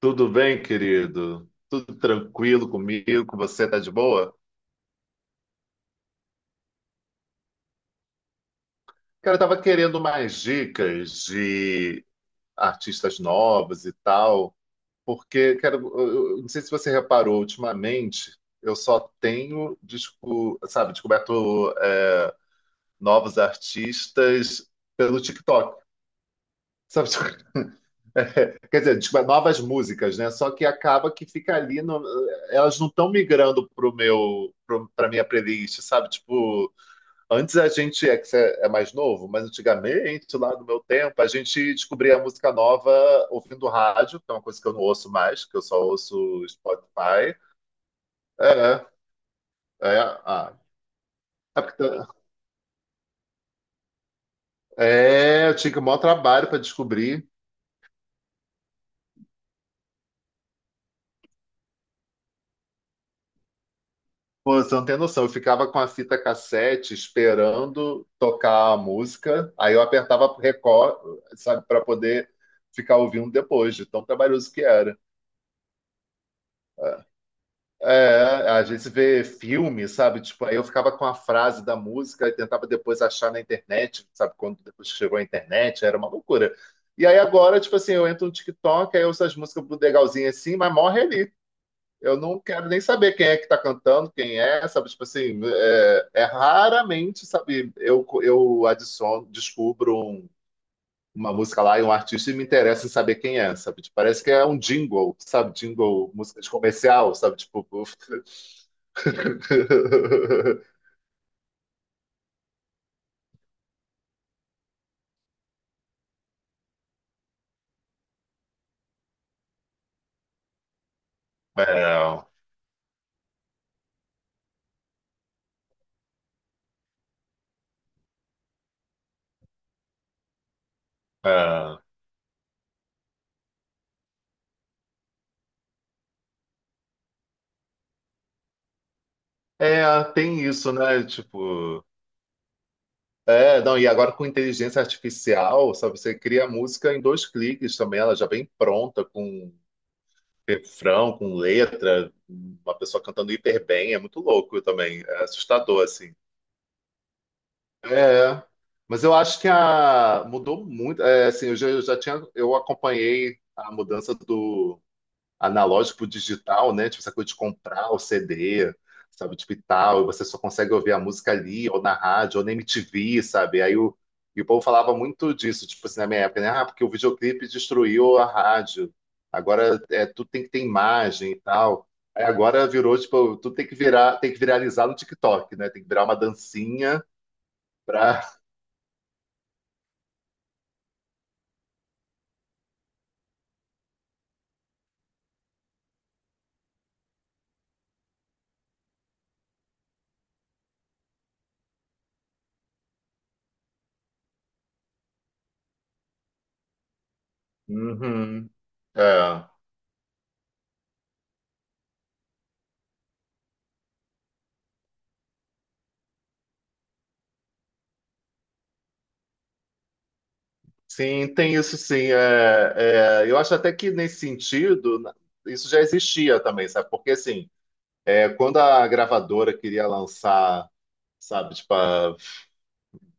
Tudo bem, querido? Tudo tranquilo comigo? Com você tá de boa? Cara, eu tava querendo mais dicas de artistas novos e tal, porque, cara, eu não sei se você reparou, ultimamente eu só tenho, sabe, descoberto é, novos artistas pelo TikTok. Sabe? Quer dizer, descoberto novas músicas, né? Só que acaba que fica ali, elas não estão migrando pra minha playlist, sabe? Tipo. Antes a gente, é que você é mais novo, mas antigamente, lá no meu tempo, a gente descobria a música nova ouvindo rádio, que é uma coisa que eu não ouço mais, que eu só ouço Spotify. É, é, ah, é, é, eu tinha que o maior trabalho para descobrir. Pô, você não tem noção, eu ficava com a fita cassete esperando tocar a música, aí eu apertava record, sabe, para poder ficar ouvindo depois, de tão trabalhoso que era. É. É, a gente vê filme, sabe? Tipo, aí eu ficava com a frase da música e tentava depois achar na internet, sabe? Quando depois chegou a internet, era uma loucura. E aí agora, tipo assim, eu entro no TikTok, aí eu ouço as músicas legalzinhas assim, mas morre ali. Eu não quero nem saber quem é que tá cantando, quem é, sabe? Tipo assim, é, é raramente, sabe? Eu adiciono, descubro uma música lá e um artista e me interessa em saber quem é, sabe? Tipo, parece que é um jingle, sabe? Jingle, música de comercial, sabe? Tipo, É, é. É, tem isso, né? Tipo. É, não, e agora com inteligência artificial, sabe, você cria a música em dois cliques também, ela já vem pronta, com refrão, com letra, uma pessoa cantando hiper bem, é muito louco também, é assustador, assim. É, é. Mas eu acho que a, mudou muito, é, assim, eu já tinha, eu acompanhei a mudança do analógico pro digital, né? Tipo, essa coisa de comprar o CD, sabe? Tipo, e tal, e você só consegue ouvir a música ali, ou na rádio, ou na MTV, sabe? Aí o, e o povo falava muito disso, tipo assim, na minha época, né? Ah, porque o videoclipe destruiu a rádio. Agora é, tudo tem que ter imagem e tal. Aí agora virou, tipo, tudo tem que virar, tem que viralizar no TikTok, né? Tem que virar uma dancinha pra. Uhum. É. Sim, tem isso sim. É, é, eu acho até que nesse sentido, isso já existia também, sabe? Porque assim, é, quando a gravadora queria lançar, sabe, tipo a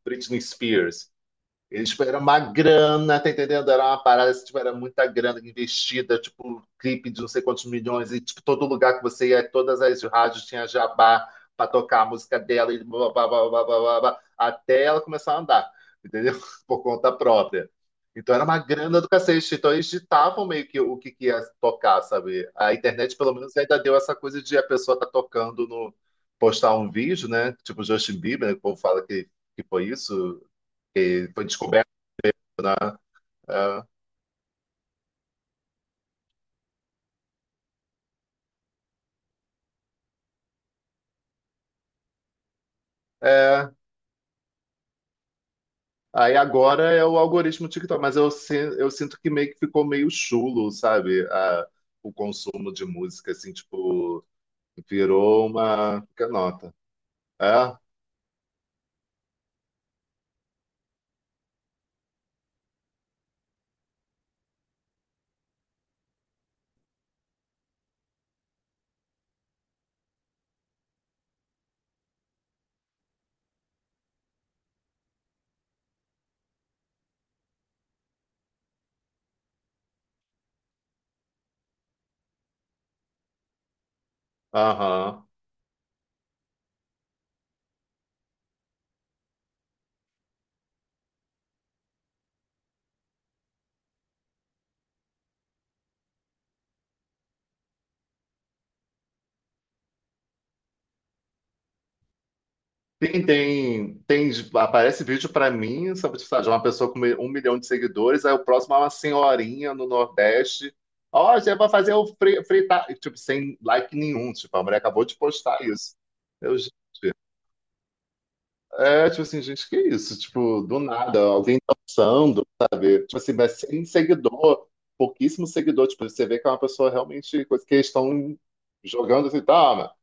Britney Spears, ele era uma grana, tá entendendo? Era uma parada, assim, tipo, era muita grana investida, tipo, clipe de não sei quantos milhões, e tipo, todo lugar que você ia, todas as rádios tinha jabá pra tocar a música dela, e blá, blá, blá, blá, blá, blá, blá, até ela começar a andar, entendeu? Por conta própria. Então era uma grana do cacete, então eles ditavam meio que o que, que ia tocar, sabe? A internet, pelo menos, ainda deu essa coisa de a pessoa tá tocando no... postar um vídeo, né? Tipo Justin Bieber, né? Que o povo fala que foi isso, que foi descoberto né? É, é. Aí agora é o algoritmo TikTok, mas eu sinto que meio que ficou meio chulo, sabe? O consumo de música, assim, tipo, virou uma. Que nota? É? Aham. Aparece vídeo pra mim, sabe, tipo, sabe, de uma pessoa com um milhão de seguidores, aí o próximo é uma senhorinha no Nordeste. Ó, você vai fazer o fritar, tipo, sem like nenhum, tipo, a mulher acabou de postar isso. Eu, É, tipo assim, gente, que isso? Tipo, do nada, alguém dançando, sabe? Tipo assim, mas sem seguidor, pouquíssimo seguidor. Tipo, você vê que é uma pessoa realmente, coisa que eles estão jogando assim, tá,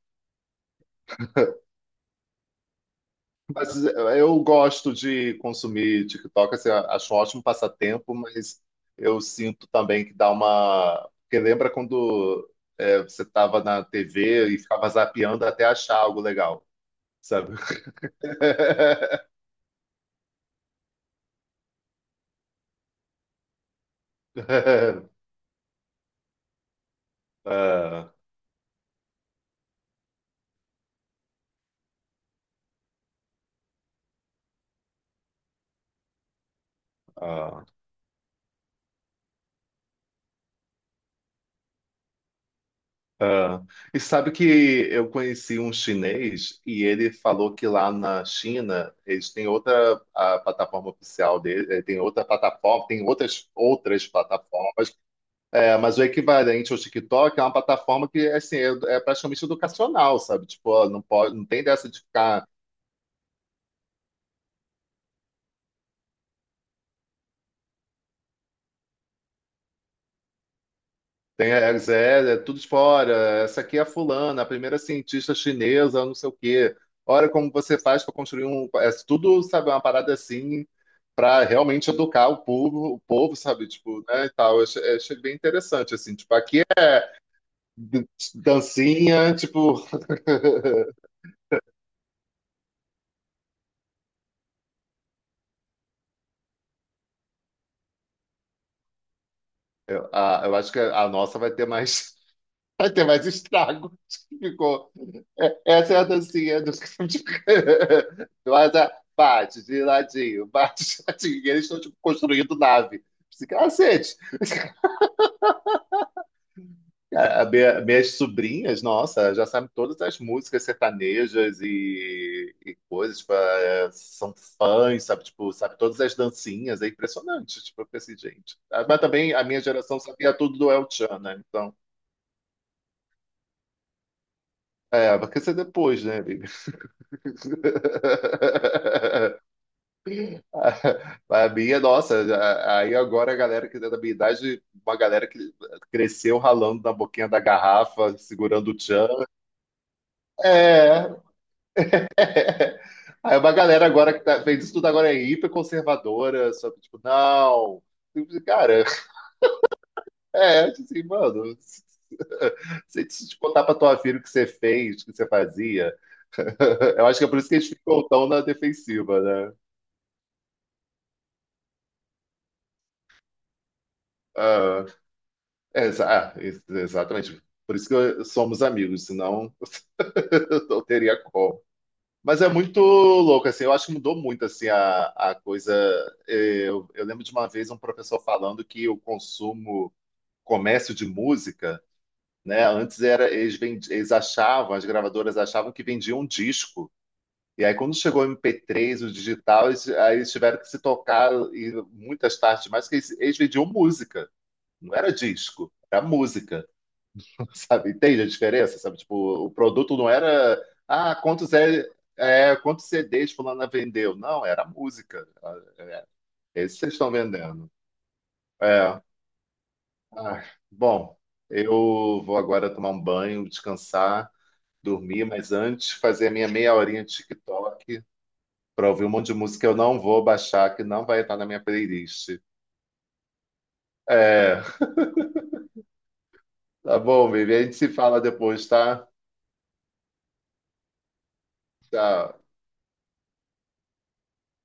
mas eu gosto de consumir TikTok, assim, acho um ótimo passatempo, mas eu sinto também que dá uma... Porque lembra quando é, você tava na TV e ficava zapeando até achar algo legal, sabe? É, é, é. Ah, e sabe que eu conheci um chinês e ele falou que lá na China eles têm outra a plataforma oficial dele, eh, tem outra plataforma, tem outras plataformas, eh, mas o equivalente ao TikTok é uma plataforma que assim é, é praticamente educacional, sabe? Tipo, ó, não pode, não tem dessa de ficar. Tem a é, é tudo fora. Essa aqui é a fulana, a primeira cientista chinesa, não sei o quê. Olha como você faz para construir um. É tudo, sabe, uma parada assim, para realmente educar o povo, sabe, tipo, né, e tal. Eu achei bem interessante, assim. Tipo, aqui é d- dancinha, tipo. Eu acho que a nossa vai ter mais. Vai ter mais estrago. Ficou. Essa é a dancinha do, do bate de ladinho, bate de ladinho. E eles estão tipo, construindo nave. Esse Cacete. Minhas sobrinhas, nossa, já sabem todas as músicas sertanejas e coisas, tipo, é, são fãs, sabe? Tipo, sabe todas as dancinhas, é impressionante, tipo, eu pensei, gente. Ah, mas também a minha geração sabia tudo do El Chan, né? Então, é, vai ser depois, né, amiga? A minha, nossa, aí agora a galera que é da minha idade, uma galera que cresceu ralando na boquinha da garrafa, segurando o tchan. É, aí uma galera agora que tá, fez isso tudo agora é hiper conservadora, sabe? Tipo, não. Cara, é, assim, mano, se te contar pra tua filha o que você fez, o que você fazia, eu acho que é por isso que eles ficam tão na defensiva, né? Ah, exatamente. Por isso que somos amigos, senão. Não teria como. Mas é muito louco, assim, eu acho que mudou muito, assim, a coisa. Eu lembro de uma vez um professor falando que o consumo, comércio de música, né, antes era, eles achavam, as gravadoras achavam que vendiam um disco. E aí, quando chegou o MP3, o digital, aí eles tiveram que se tocar e muitas tardes mais, que eles vendiam música, não era disco, era música, sabe? Entende a diferença, sabe? Tipo, o produto não era, ah, é quantos CDs fulana vendeu? Não, era música. Ah, é, esses vocês estão vendendo. É. Ah, bom, eu vou agora tomar um banho, descansar, dormir, mas antes fazer a minha meia horinha de TikTok para ouvir um monte de música que eu não vou baixar, que não vai estar na minha playlist. É, tá bom, baby. A gente se fala depois, tá? Tchau.